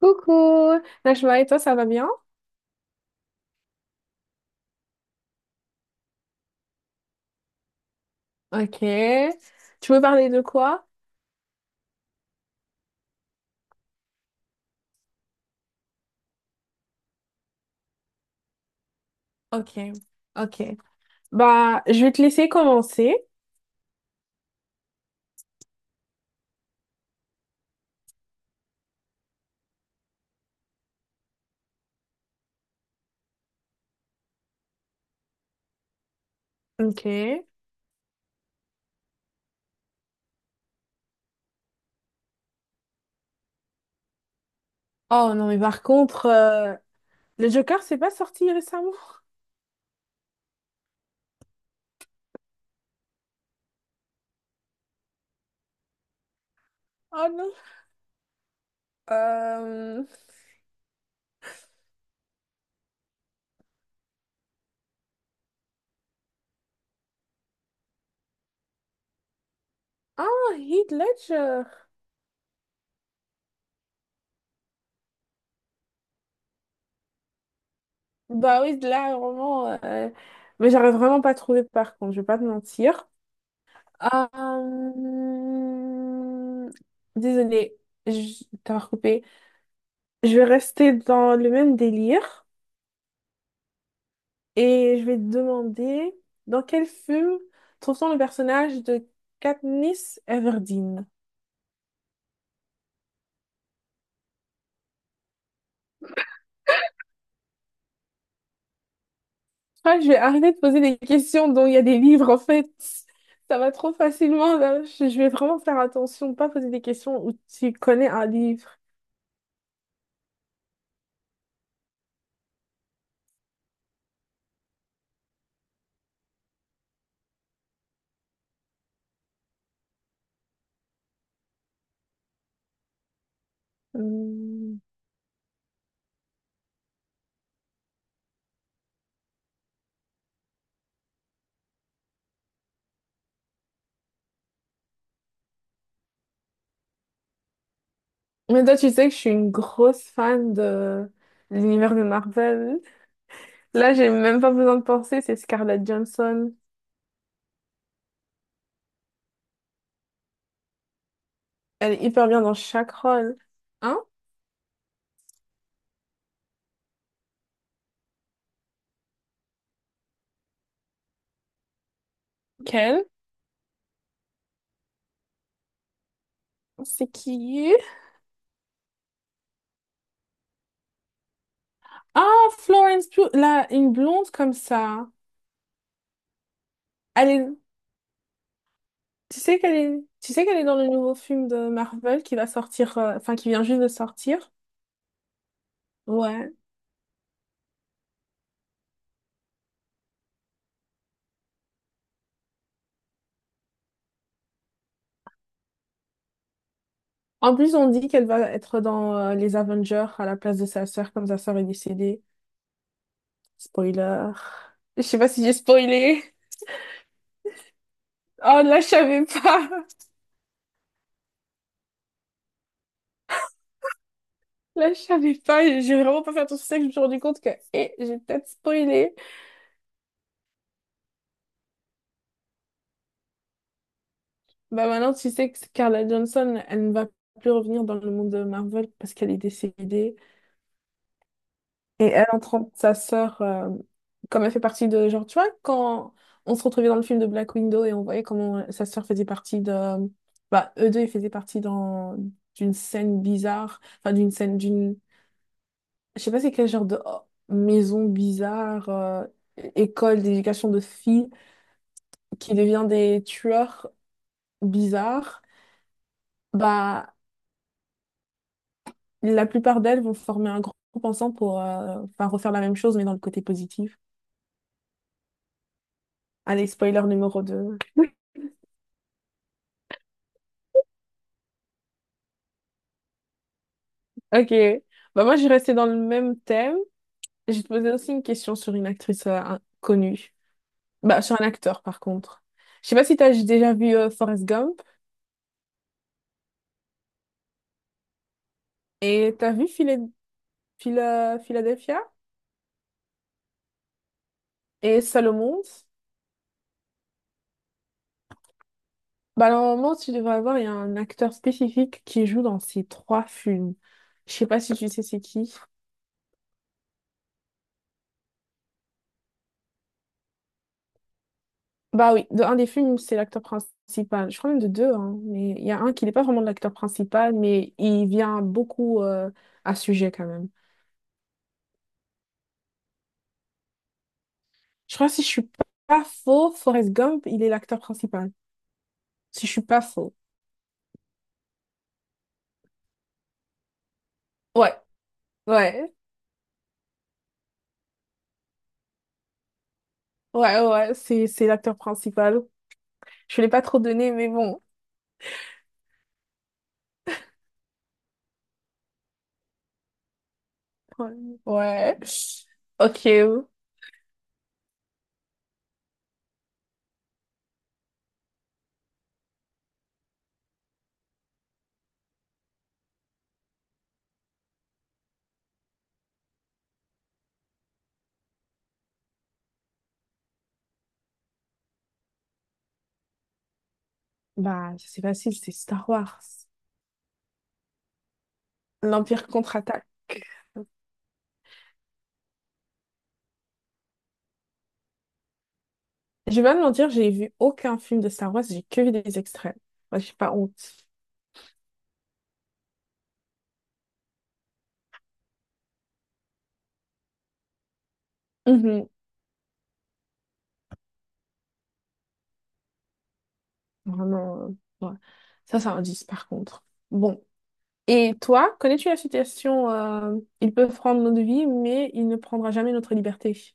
Coucou, Najma, et toi, ça va bien? Ok. Tu veux parler de quoi? Ok, ok. Bah, je vais te laisser commencer. Ok. Oh non, mais par contre, le Joker, c'est pas sorti récemment? Oh non. Euh... Ah, Heath Ledger. Bah oui, là, vraiment... Mais j'arrive vraiment pas à trouver, par contre, je vais pas te mentir. Euh... Désolée, je t'ai recoupé. Je vais rester dans le même délire et je vais te demander dans quel film trouve-t-on le personnage de Katniss Everdeen? Ah, je vais arrêter de poser des questions dont il y a des livres en fait. Ça va trop facilement là. Je vais vraiment faire attention de pas poser des questions où tu connais un livre. Hum. Mais toi, tu sais que je suis une grosse fan de l'univers de Marvel. Là, j'ai même pas besoin de penser, c'est Scarlett Johansson. Elle est hyper bien dans chaque rôle. Hein. Quelle? C'est qui? Ah, Florence Pugh, là, une blonde comme ça. Elle est, tu sais qu'elle est dans le nouveau film de Marvel qui va sortir, enfin qui vient juste de sortir. Ouais. En plus, on dit qu'elle va être dans les Avengers à la place de sa sœur, comme sa sœur est décédée. Spoiler. Je sais pas si j'ai spoilé. Oh, là, je savais pas. Là, je savais pas. J'ai vraiment pas fait attention. C'est ça que je me suis rendu compte que, eh, j'ai peut-être spoilé. Bah maintenant, tu sais que Scarlett Johnson, elle ne va plus revenir dans le monde de Marvel parce qu'elle est décédée. Et elle entend sa sœur, comme elle fait partie de... Genre, tu vois, quand on se retrouvait dans le film de Black Widow et on voyait comment sa sœur faisait partie de... Bah, eux deux, ils faisaient partie dans... d'une scène bizarre. Enfin, d'une scène d'une... Je sais pas c'est quel genre de oh, maison bizarre, école d'éducation de filles qui devient des tueurs bizarres. Bah, la plupart d'elles vont former un groupe ensemble pour enfin, refaire la même chose, mais dans le côté positif. Allez, spoiler numéro deux. Ok. Bah, moi, j'ai resté dans le même thème. J'ai posé aussi une question sur une actrice connue. Bah, sur un acteur, par contre. Je sais pas si t'as déjà vu Forrest Gump et t'as vu Philadelphia et Salomon. Bah, normalement, tu devrais avoir, il y a un acteur spécifique qui joue dans ces trois films. Je sais pas si tu sais c'est qui. Bah oui, de un des films, c'est l'acteur principal. Je crois même de deux, hein, mais il y a un qui n'est pas vraiment l'acteur principal, mais il vient beaucoup à sujet quand même. Je crois que si je suis pas faux, Forrest Gump, il est l'acteur principal. Si je suis pas faux. Ouais, ouais, ouais, c'est l'acteur principal. Je l'ai pas trop donné, mais bon. Ouais. Ok. Bah, c'est facile, c'est Star Wars. L'Empire contre-attaque. Je vais pas te mentir, j'ai vu aucun film de Star Wars, j'ai que vu des extraits. Moi, j'ai pas honte. Mhm. Vraiment, ouais. Ça, c'est un 10 par contre. Bon. Et toi, connais-tu la citation Il peut prendre notre vie, mais il ne prendra jamais notre liberté.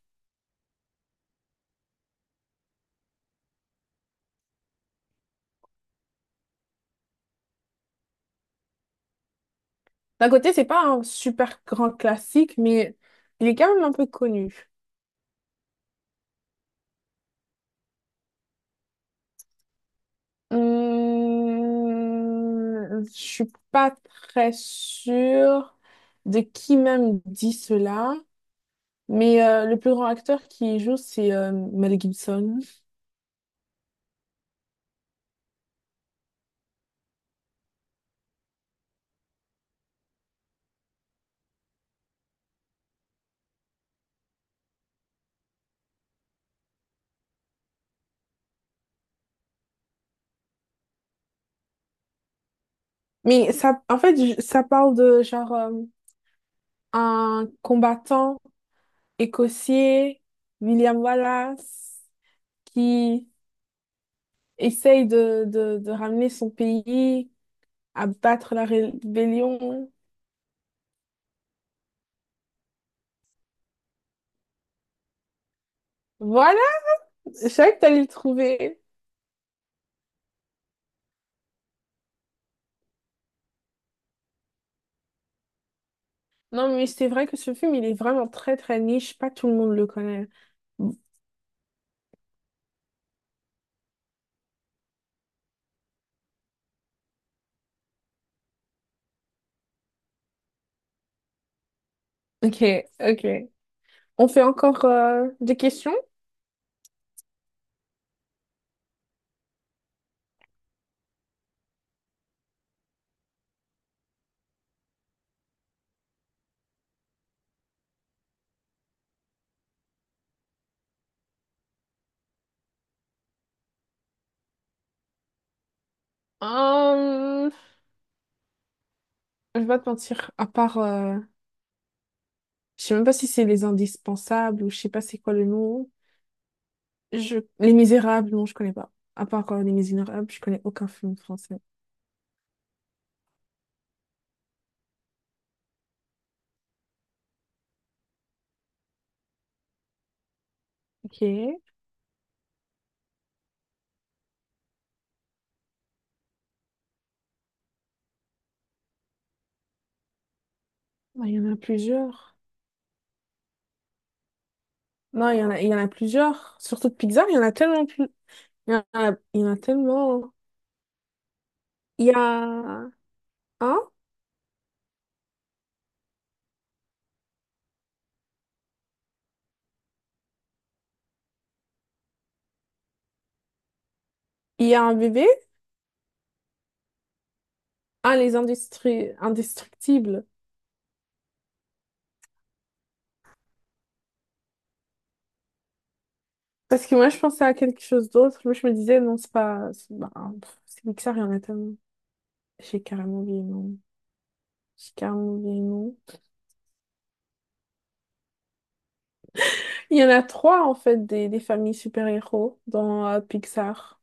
D'un côté, c'est pas un super grand classique, mais il est quand même un peu connu. Je suis pas très sûre de qui même dit cela. Mais le plus grand acteur qui y joue, c'est Mel Gibson. Mais ça, en fait, je- Ça parle de genre un combattant écossais, William Wallace, qui essaye de ramener son pays à battre la rébellion. Voilà, je savais que t'allais le trouver. Non, mais c'est vrai que ce film, il est vraiment très, très niche. Pas tout le monde le connaît. Ok, ok. On fait encore des questions? Hum, je vais pas te mentir, à part, je sais même pas si c'est les indispensables ou je sais pas c'est quoi le nom. Je... Les Misérables, non, je connais pas. À part Les Misérables, je connais aucun film français. Ok. Ah, il y en a plusieurs. Non, il y en a plusieurs. Surtout de Pixar, il y en a tellement plus. Il y en a tellement. Il y a un, il y a un bébé, un, les industries indestructibles. Parce que moi, je pensais à quelque chose d'autre. Moi, je me disais, non, c'est pas. C'est bah, pff, c'est Pixar, il y en a tellement. J'ai carrément oublié le nom. J'ai carrément oublié le nom. Il y en a 3, en fait, des familles super-héros dans Pixar.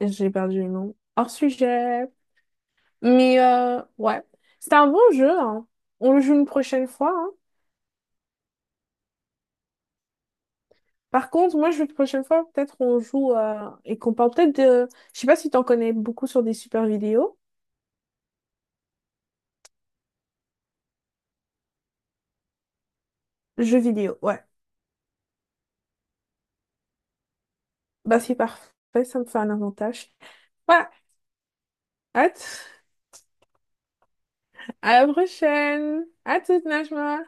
J'ai perdu le nom. Hors sujet. Mais ouais, c'était un bon jeu, hein. On le joue une prochaine fois, hein. Par contre, moi, je veux que la prochaine fois, peut-être on joue et qu'on parle peut-être de... Je sais pas si t'en connais beaucoup sur des super vidéos. Jeux vidéo, ouais. Bah, c'est parfait. Ça me fait un avantage. Ouais, hâte. À la prochaine. À toute, Najma.